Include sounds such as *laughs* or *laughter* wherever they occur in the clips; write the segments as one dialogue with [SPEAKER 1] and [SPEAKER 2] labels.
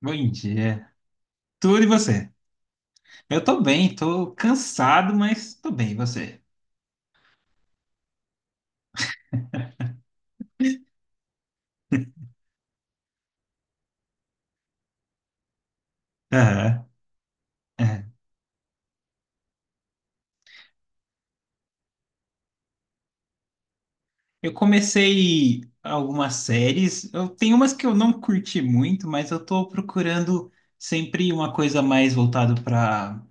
[SPEAKER 1] Bom dia. Tudo e você? Eu tô bem, tô cansado, mas tô bem, e você? Aham, é. Eu comecei algumas séries. Eu tenho umas que eu não curti muito, mas eu tô procurando sempre uma coisa mais voltada para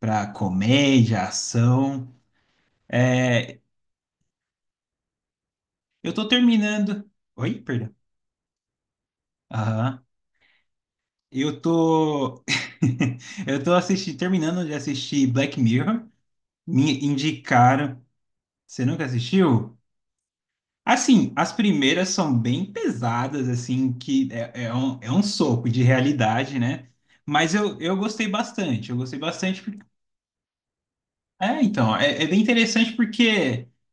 [SPEAKER 1] para comédia, ação. É, eu tô terminando. Oi, perdão. Aham. Eu tô *laughs* Eu tô assistindo, terminando de assistir Black Mirror. Me indicaram. Você nunca assistiu? Assim, as primeiras são bem pesadas, assim, que é, é um soco de realidade, né? Mas eu gostei bastante, eu gostei bastante é, então, é, é bem interessante porque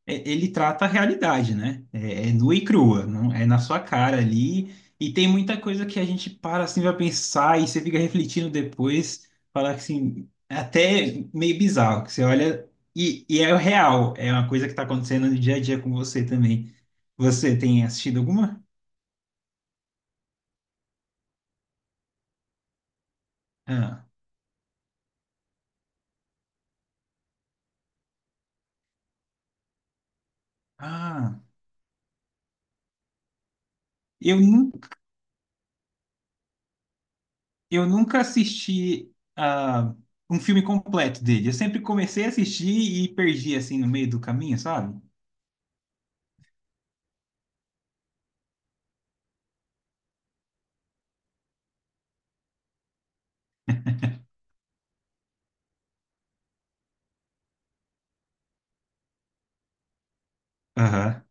[SPEAKER 1] ele trata a realidade, né? É, é nua e crua, não é na sua cara ali. E tem muita coisa que a gente para assim, vai pensar e você fica refletindo depois, falar que, assim, é até meio bizarro, que você olha e é o real, é uma coisa que está acontecendo no dia a dia com você também. Você tem assistido alguma? Ah, ah, eu nunca. Eu nunca assisti um filme completo dele. Eu sempre comecei a assistir e perdi assim no meio do caminho, sabe? Aham.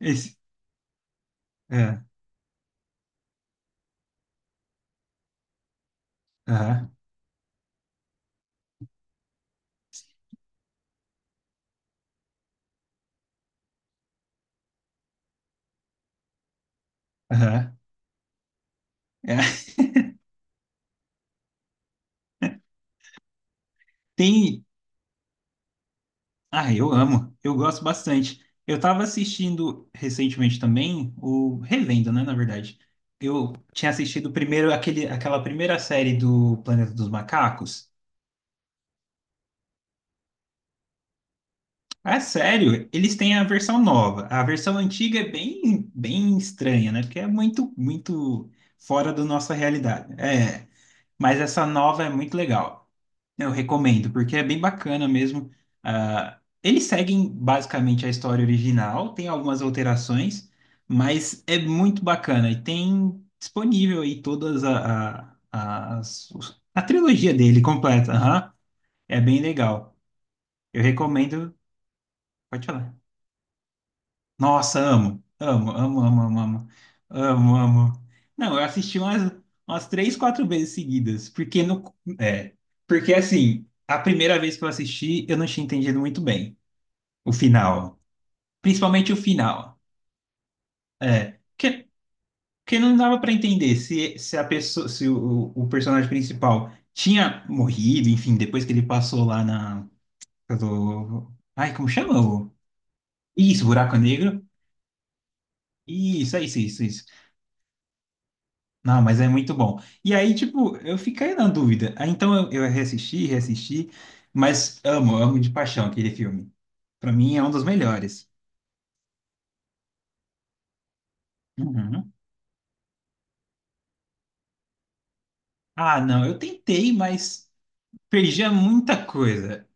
[SPEAKER 1] Esse. É, aham. Aham. É. *laughs* Tem. Ah, eu amo. Eu gosto bastante. Eu tava assistindo recentemente também, o revendo, né, na verdade. Eu tinha assistido primeiro aquele, aquela primeira série do Planeta dos Macacos. Ah, sério? Eles têm a versão nova. A versão antiga é bem, bem estranha, né? Porque é muito, muito fora da nossa realidade. É, mas essa nova é muito legal. Eu recomendo, porque é bem bacana mesmo. Ah, eles seguem basicamente a história original, tem algumas alterações, mas é muito bacana. E tem disponível aí todas a, as- os- a trilogia dele completa. Aham. É bem legal. Eu recomendo. Pode falar. Nossa, amo, amo, amo, amo, amo, amo, amo, amo. Não, eu assisti umas, umas três, quatro vezes seguidas, porque no, é, porque assim, a primeira vez que eu assisti, eu não tinha entendido muito bem o final, principalmente o final, é, que não dava para entender se a pessoa, se o personagem principal tinha morrido, enfim, depois que ele passou lá na, do, ai, como chama? Isso, buraco negro. Isso, é isso, é isso, é isso. Não, mas é muito bom. E aí, tipo, eu fiquei na dúvida. Aí, então eu reassisti, reassisti, mas amo, amo de paixão aquele filme. Pra mim é um dos melhores. Uhum. Ah, não, eu tentei, mas perdia muita coisa.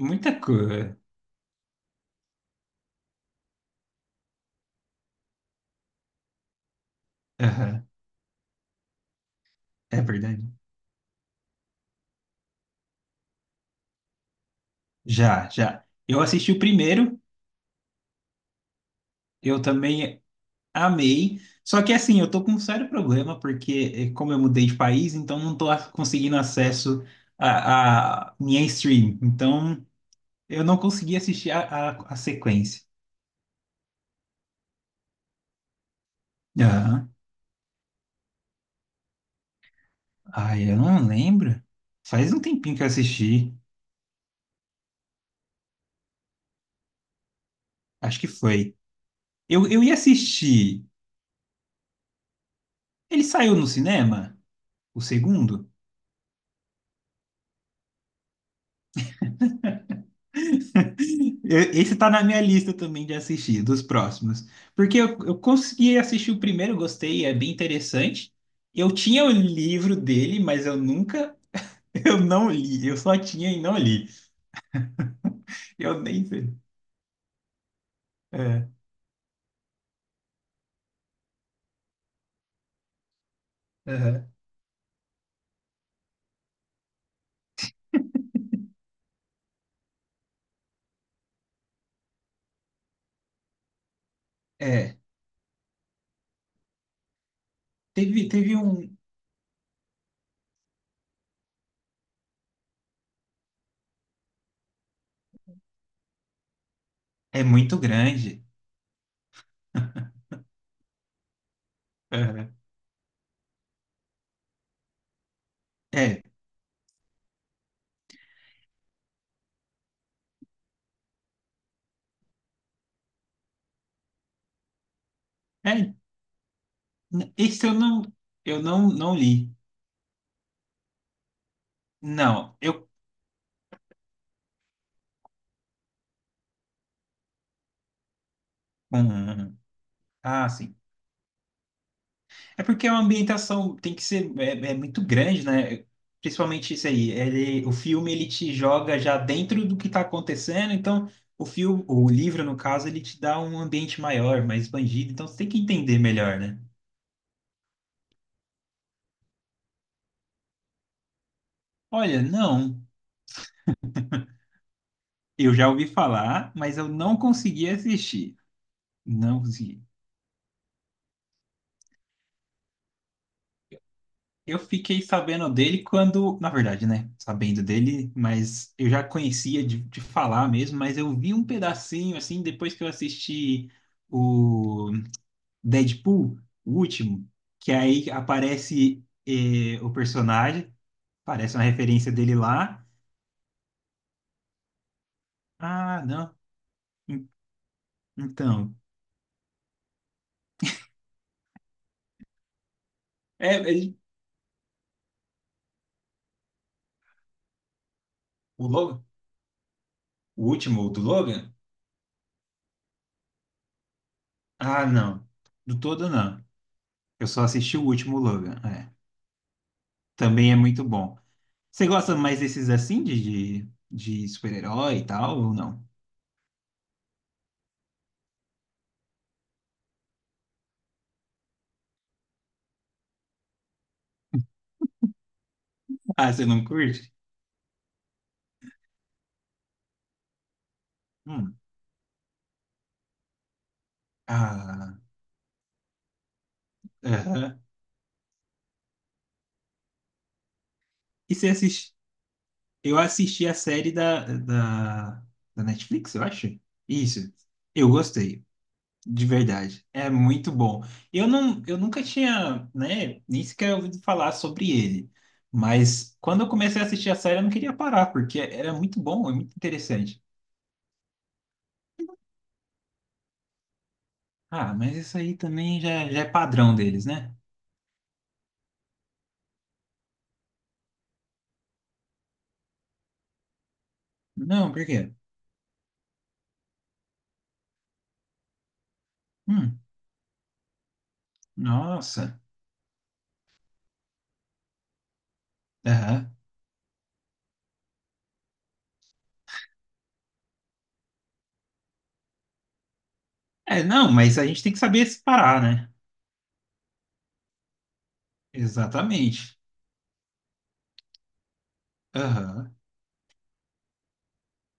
[SPEAKER 1] Muita coisa. Aham, é verdade. Já, já. Eu assisti o primeiro, eu também amei. Só que assim, eu tô com um sério problema, porque como eu mudei de país, então não tô conseguindo acesso a minha stream. Então. Eu não consegui assistir a sequência. Ah, ai, eu não lembro. Faz um tempinho que eu assisti. Acho que foi. Eu ia assistir. Ele saiu no cinema? O segundo? *laughs* Esse tá na minha lista também de assistir, dos próximos. Porque eu consegui assistir o primeiro, gostei, é bem interessante. Eu tinha o livro dele, mas eu nunca, *laughs* eu não li. Eu só tinha e não li. Eu nem sei. É, aham. É, teve um. É muito grande. Aham. É, é, isso eu não, não li. Não, eu. Hum, ah, sim. É porque a ambientação tem que ser é, é muito grande, né? Principalmente isso aí. Ele, o filme ele te joga já dentro do que está acontecendo, então o filme, o livro no caso, ele te dá um ambiente maior, mais expandido, então você tem que entender melhor, né? Olha, não, eu já ouvi falar, mas eu não consegui assistir. Não consegui. Eu fiquei sabendo dele quando, na verdade, né? Sabendo dele, mas eu já conhecia de falar mesmo, mas eu vi um pedacinho assim depois que eu assisti o Deadpool, o último, que aí aparece o personagem, aparece uma referência dele lá. Ah, não. en- Então, é, o Logan, o último do Logan? Ah, não. Do todo não. Eu só assisti o último Logan. É. Também é muito bom. Você gosta mais desses assim, de super-herói e tal, ou não? Ah, você não curte? Hum. Ah, aham. E você assiste? Eu assisti a série da Netflix, eu acho. Isso. Eu gostei, de verdade. É muito bom. Eu não, eu nunca tinha, né, nem sequer ouvido falar sobre ele. Mas quando eu comecei a assistir a série, eu não queria parar, porque era muito bom, é muito interessante. Ah, mas isso aí também já é padrão deles, né? Não, por quê? Hum, nossa. Aham. É, não, mas a gente tem que saber separar, né? Exatamente. Aham.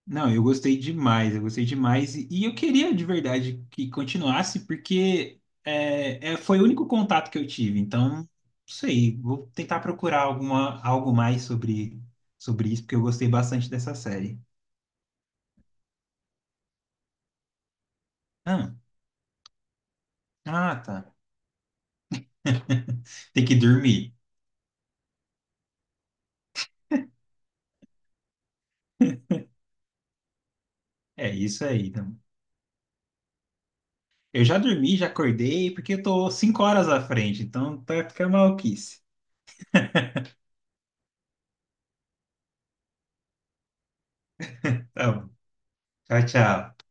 [SPEAKER 1] Não, eu gostei demais, eu gostei demais. E eu queria de verdade que continuasse, porque é, é, foi o único contato que eu tive. Então, não sei, vou tentar procurar alguma, algo mais sobre, sobre isso, porque eu gostei bastante dessa série. Ah, ah, tá. *laughs* Tem que dormir. É isso aí. Eu já dormi, já acordei, porque eu tô 5 horas à frente, então tá, fica maluquice. Tá bom. Tchau, tchau.